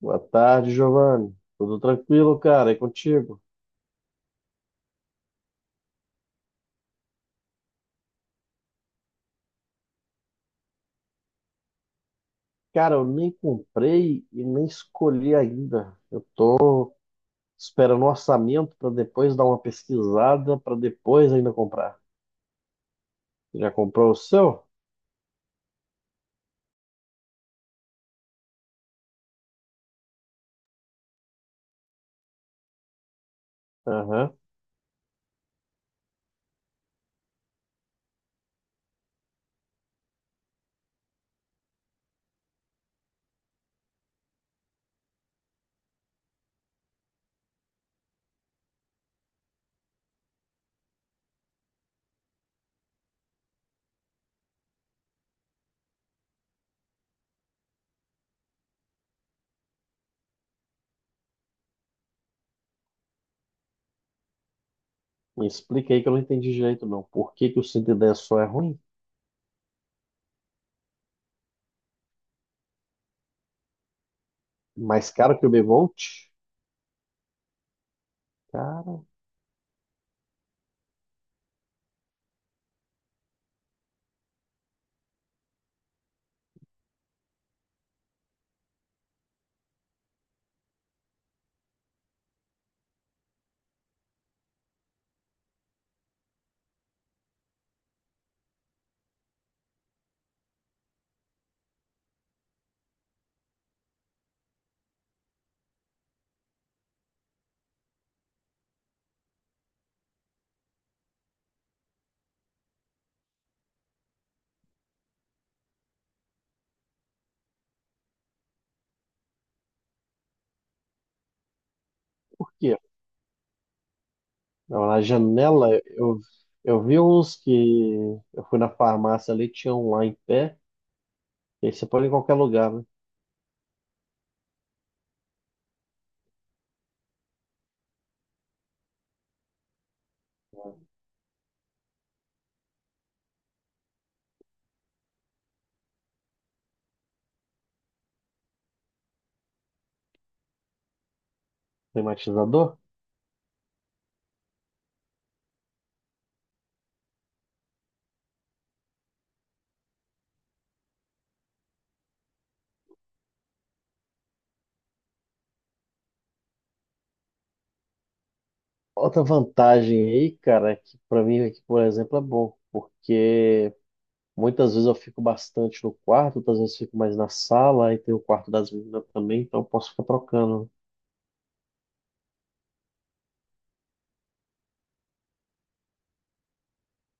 Boa tarde, Giovanni. Tudo tranquilo, cara? E contigo? Cara, eu nem comprei e nem escolhi ainda. Eu tô esperando o orçamento para depois dar uma pesquisada, para depois ainda comprar. Já comprou o seu? Aham. Me explica aí que eu não entendi direito, não. Por que que o 110 só é ruim? Mais caro que o Bevolt? Cara, por quê? Não, na janela, eu vi uns que eu fui na farmácia ali, tinha um lá em pé. E aí você põe em qualquer lugar, né? Climatizador? Outra vantagem aí, cara, é que pra mim aqui, por exemplo, é bom, porque muitas vezes eu fico bastante no quarto, outras vezes fico mais na sala, e tem o quarto das meninas também, então eu posso ficar trocando.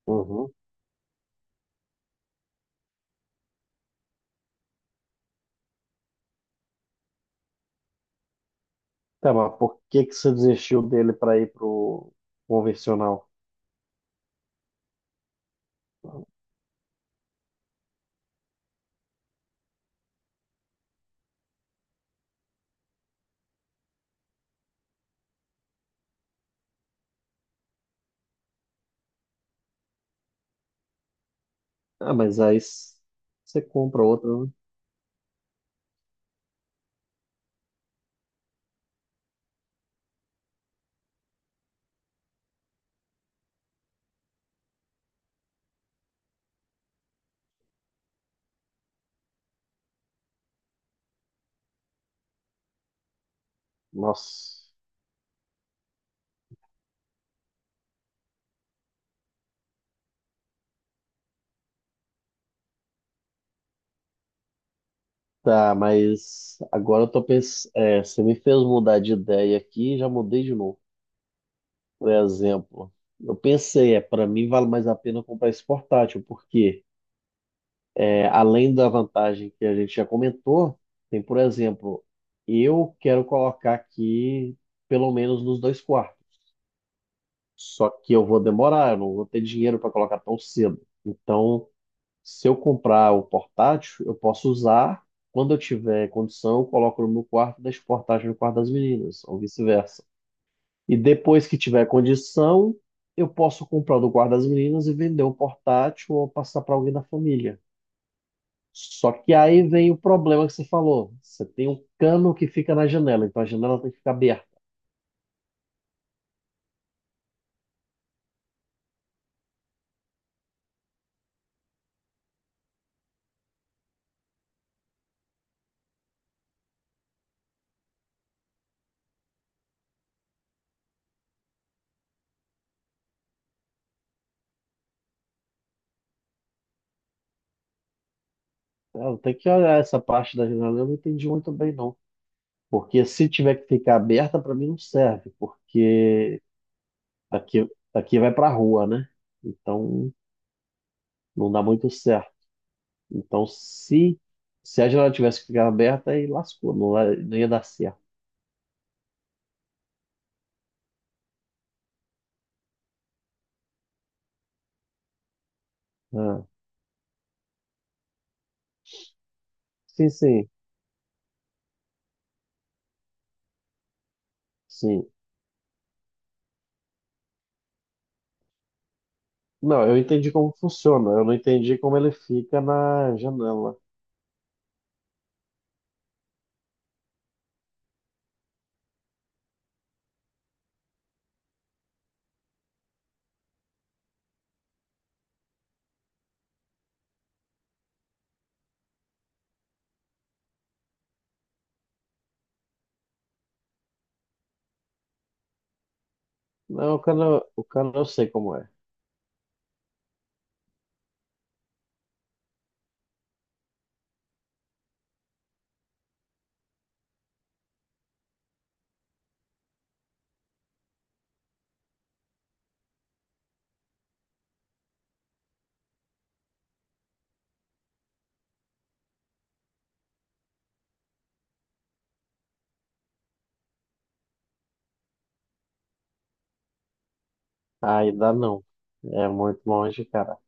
Uhum. Tá, mas por que que você desistiu dele pra ir pro convencional? Ah, mas aí você compra outro, né? Nossa. Tá, mas agora eu tô pensando. É, você me fez mudar de ideia aqui e já mudei de novo. Por exemplo, eu pensei, é, para mim vale mais a pena comprar esse portátil, porque é, além da vantagem que a gente já comentou, tem, por exemplo, eu quero colocar aqui pelo menos nos dois quartos. Só que eu vou demorar, eu não vou ter dinheiro para colocar tão cedo. Então, se eu comprar o portátil, eu posso usar quando eu tiver condição, eu coloco no meu quarto, e deixo o portátil no quarto das meninas, ou vice-versa. E depois que tiver condição, eu posso comprar do guarda das meninas e vender o portátil ou passar para alguém da família. Só que aí vem o problema que você falou. Você tem um cano que fica na janela, então a janela tem que ficar aberta. Eu tenho que olhar essa parte da janela, eu não entendi muito bem, não. Porque se tiver que ficar aberta, para mim não serve, porque aqui, aqui vai para a rua, né? Então não dá muito certo. Então se a janela tivesse que ficar aberta, aí lascou, não, não ia dar certo. Ah. Sim, sim, sim. Não, eu entendi como funciona, eu não entendi como ele fica na janela. Não, o cano eu sei como é. Aí dá não. É muito longe, cara.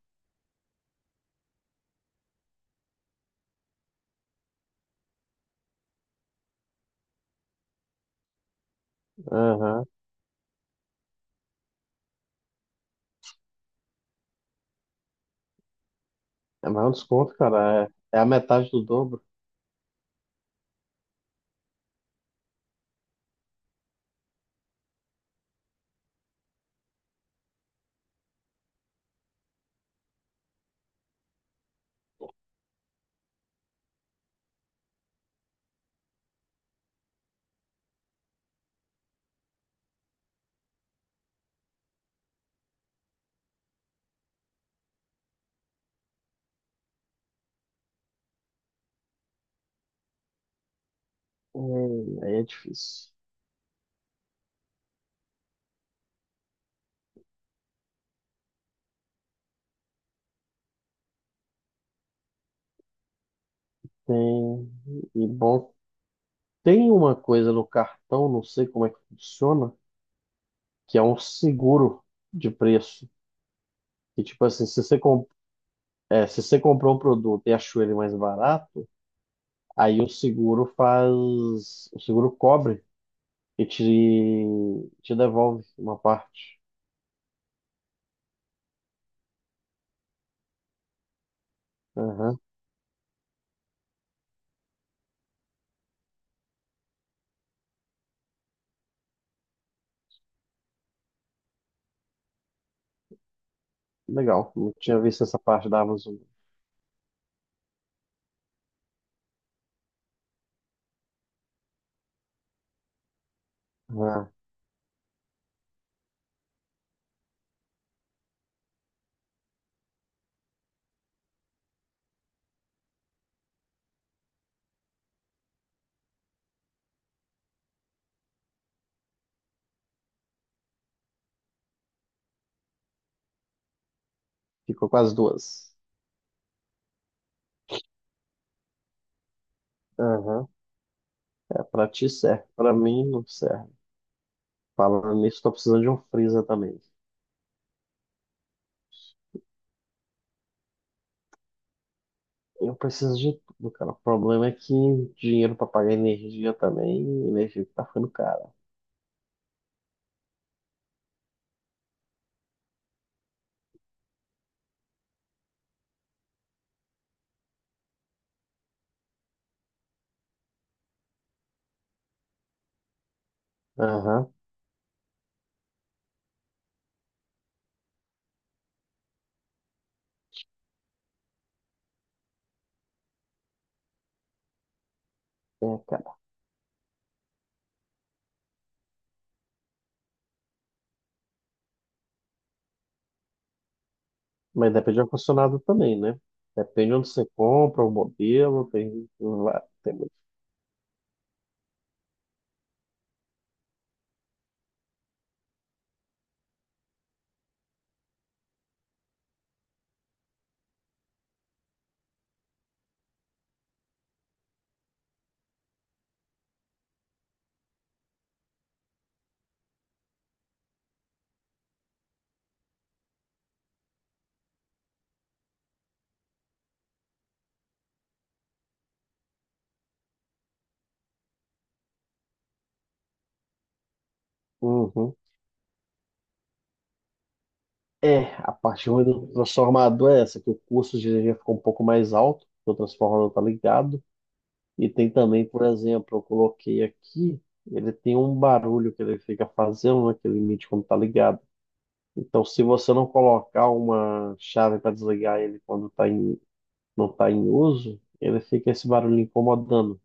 Aham. É mais um desconto, cara. É, é a metade do dobro. Aí é difícil. Tem, e bom, tem uma coisa no cartão, não sei como é que funciona, que é um seguro de preço. Que tipo assim, se você, é, se você comprou um produto e achou ele mais barato, aí o seguro faz, o seguro cobre e te devolve uma parte. Aham, legal, não tinha visto essa parte da Amazon. Ah, ficou com as duas. Aham, é pra ti serve, pra mim não serve. Falando nisso, tô precisando de um freezer também. Eu preciso de tudo, cara. O problema é que dinheiro pra pagar energia também, energia que tá ficando cara. Aham, é, cara. Mas depende do ar-condicionado também, né? Depende de onde você compra, o modelo, tem, uhum. É, a parte ruim do transformador é essa, que o custo de energia ficou um pouco mais alto, porque o transformador tá ligado. E tem também, por exemplo, eu coloquei aqui, ele tem um barulho que ele fica fazendo, né, que ele emite quando tá ligado. Então, se você não colocar uma chave para desligar ele quando tá em, não tá em uso, ele fica esse barulho incomodando.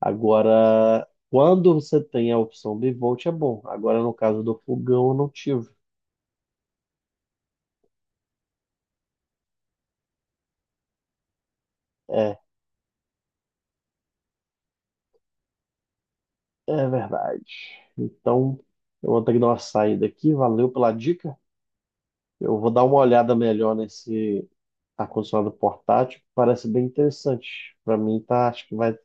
Agora, quando você tem a opção bivolt, é bom. Agora, no caso do fogão, eu não tive. É, é verdade. Então, eu vou ter que dar uma saída aqui. Valeu pela dica. Eu vou dar uma olhada melhor nesse ar-condicionado portátil. Parece bem interessante. Para mim, tá,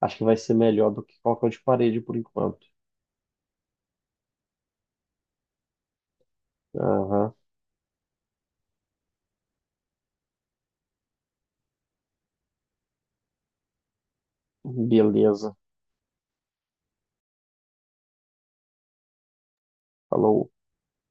acho que vai ser melhor do que qualquer um de parede por enquanto. Aham. Beleza. Falou.